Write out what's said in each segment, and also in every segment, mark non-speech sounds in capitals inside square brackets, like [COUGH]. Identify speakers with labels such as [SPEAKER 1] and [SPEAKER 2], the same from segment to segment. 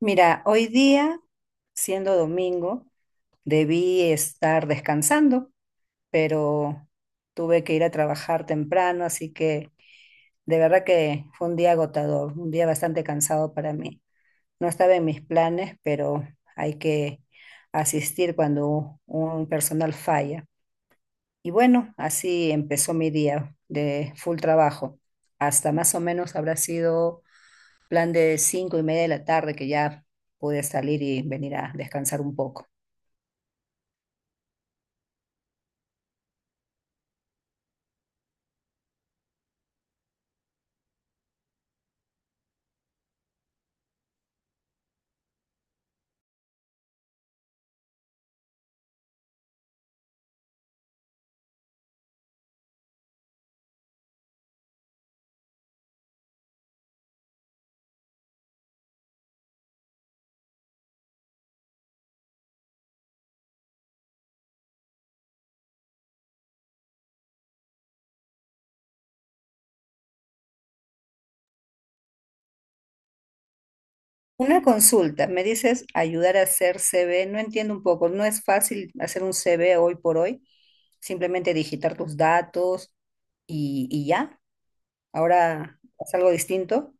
[SPEAKER 1] Mira, hoy día, siendo domingo, debí estar descansando, pero tuve que ir a trabajar temprano, así que de verdad que fue un día agotador, un día bastante cansado para mí. No estaba en mis planes, pero hay que asistir cuando un personal falla. Y bueno, así empezó mi día de full trabajo. Hasta más o menos habrá sido plan de 5:30 de la tarde que ya pude salir y venir a descansar un poco. Una consulta, me dices ayudar a hacer CV, no entiendo un poco, no es fácil hacer un CV hoy por hoy, simplemente digitar tus datos y ya, ahora es algo distinto,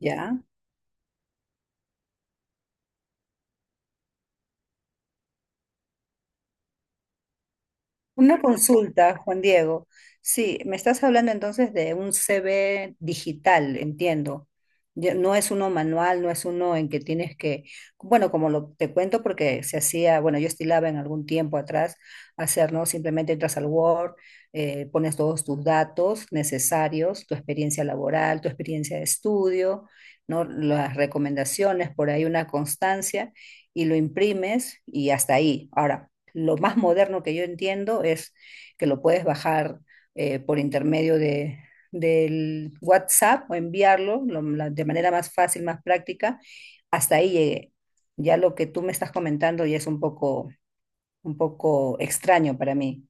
[SPEAKER 1] ya. Una consulta, Juan Diego. Sí, me estás hablando entonces de un CV digital, entiendo. Ya. No es uno manual, no es uno en que tienes que, bueno, como lo te cuento porque se hacía, bueno, yo estilaba en algún tiempo atrás hacer, ¿no? Simplemente entras al Word, pones todos tus datos necesarios, tu experiencia laboral, tu experiencia de estudio, ¿no? Las recomendaciones, por ahí una constancia y lo imprimes y hasta ahí. Ahora lo más moderno que yo entiendo es que lo puedes bajar por intermedio de, del WhatsApp o enviarlo de manera más fácil, más práctica. Hasta ahí llegué. Ya lo que tú me estás comentando ya es un poco extraño para mí.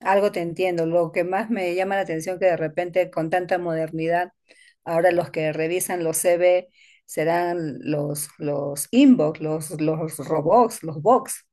[SPEAKER 1] Algo te entiendo. Lo que más me llama la atención que de repente con tanta modernidad, ahora los que revisan los CV serán los inbox, los robots, los box.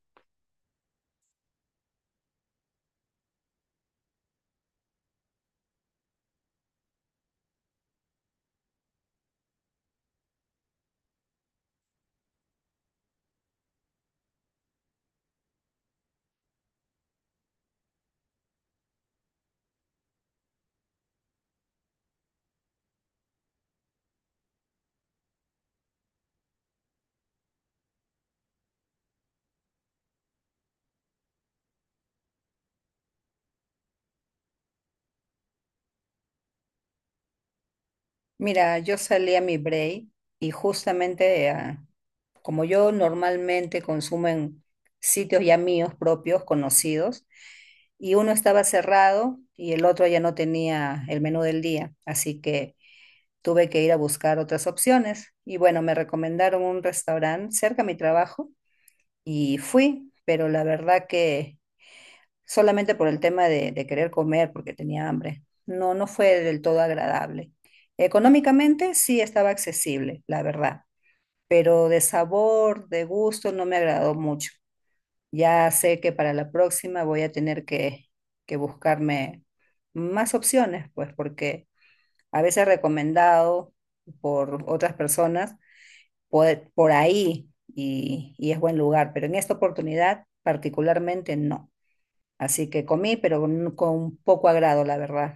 [SPEAKER 1] Mira, yo salí a mi break y justamente como yo normalmente consumo en sitios ya míos propios, conocidos, y uno estaba cerrado y el otro ya no tenía el menú del día, así que tuve que ir a buscar otras opciones. Y bueno, me recomendaron un restaurante cerca de mi trabajo y fui, pero la verdad que solamente por el tema de querer comer porque tenía hambre. No, no fue del todo agradable. Económicamente sí estaba accesible, la verdad, pero de sabor, de gusto, no me agradó mucho. Ya sé que para la próxima voy a tener que buscarme más opciones, pues porque a veces recomendado por otras personas por ahí y es buen lugar, pero en esta oportunidad particularmente no. Así que comí, pero con poco agrado, la verdad.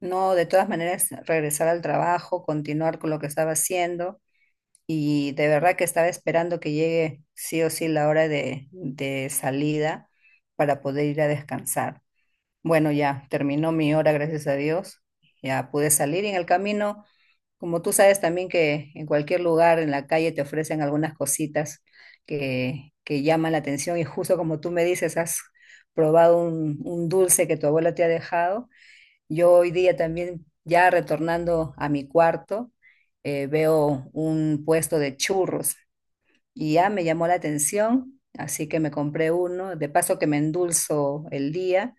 [SPEAKER 1] No, de todas maneras, regresar al trabajo, continuar con lo que estaba haciendo y de verdad que estaba esperando que llegue sí o sí la hora de salida para poder ir a descansar. Bueno, ya terminó mi hora, gracias a Dios. Ya pude salir y en el camino. Como tú sabes también que en cualquier lugar, en la calle, te ofrecen algunas cositas que llaman la atención y justo como tú me dices, has probado un dulce que tu abuela te ha dejado. Yo hoy día también, ya retornando a mi cuarto, veo un puesto de churros y ya me llamó la atención, así que me compré uno, de paso que me endulzo el día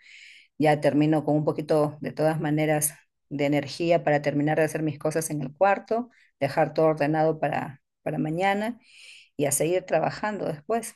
[SPEAKER 1] ya termino con un poquito, de todas maneras, de energía para terminar de hacer mis cosas en el cuarto, dejar todo ordenado para mañana y a seguir trabajando después.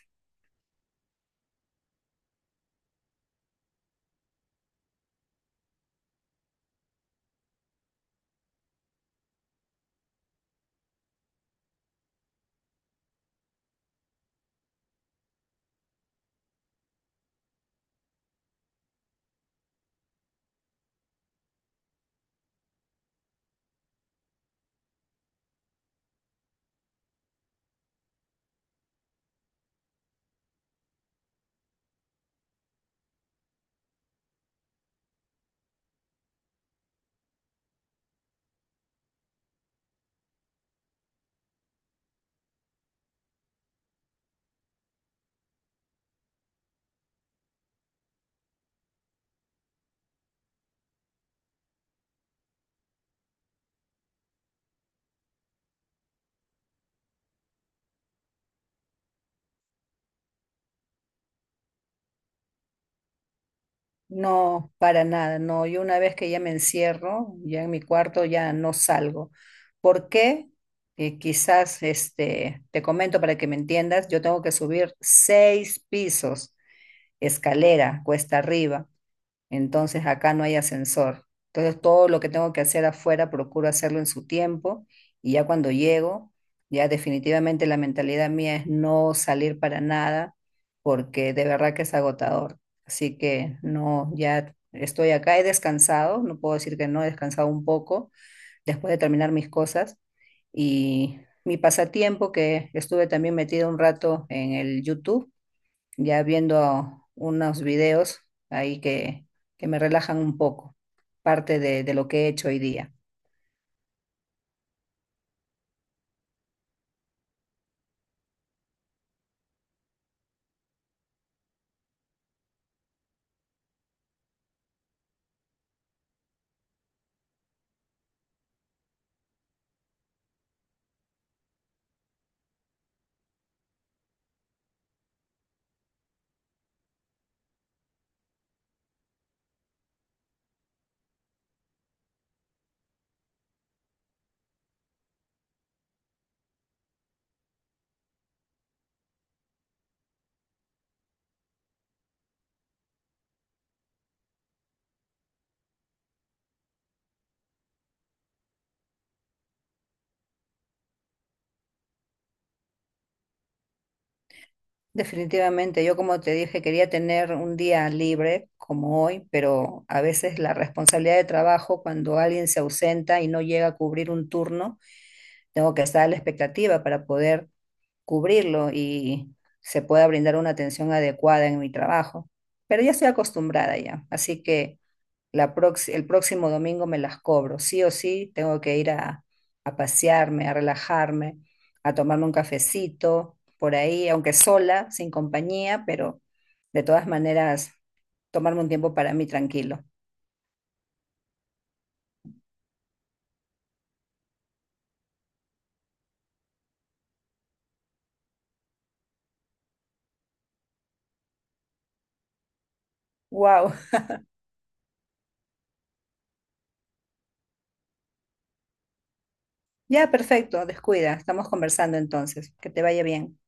[SPEAKER 1] No, para nada, no. Yo una vez que ya me encierro, ya en mi cuarto, ya no salgo. ¿Por qué? Quizás este, te comento para que me entiendas, yo tengo que subir seis pisos, escalera, cuesta arriba. Entonces acá no hay ascensor. Entonces todo lo que tengo que hacer afuera procuro hacerlo en su tiempo y ya cuando llego, ya definitivamente la mentalidad mía es no salir para nada porque de verdad que es agotador. Así que no, ya estoy acá, he descansado, no puedo decir que no, he descansado un poco después de terminar mis cosas y mi pasatiempo que estuve también metido un rato en el YouTube ya viendo unos videos ahí que me relajan un poco, parte de lo que he hecho hoy día. Definitivamente, yo como te dije, quería tener un día libre como hoy, pero a veces la responsabilidad de trabajo, cuando alguien se ausenta y no llega a cubrir un turno, tengo que estar a la expectativa para poder cubrirlo y se pueda brindar una atención adecuada en mi trabajo. Pero ya estoy acostumbrada ya, así que el próximo domingo me las cobro. Sí o sí, tengo que ir a pasearme, a relajarme, a tomarme un cafecito por ahí, aunque sola, sin compañía, pero de todas maneras, tomarme un tiempo para mí tranquilo. Wow, [LAUGHS] ya perfecto, descuida, estamos conversando entonces, que te vaya bien.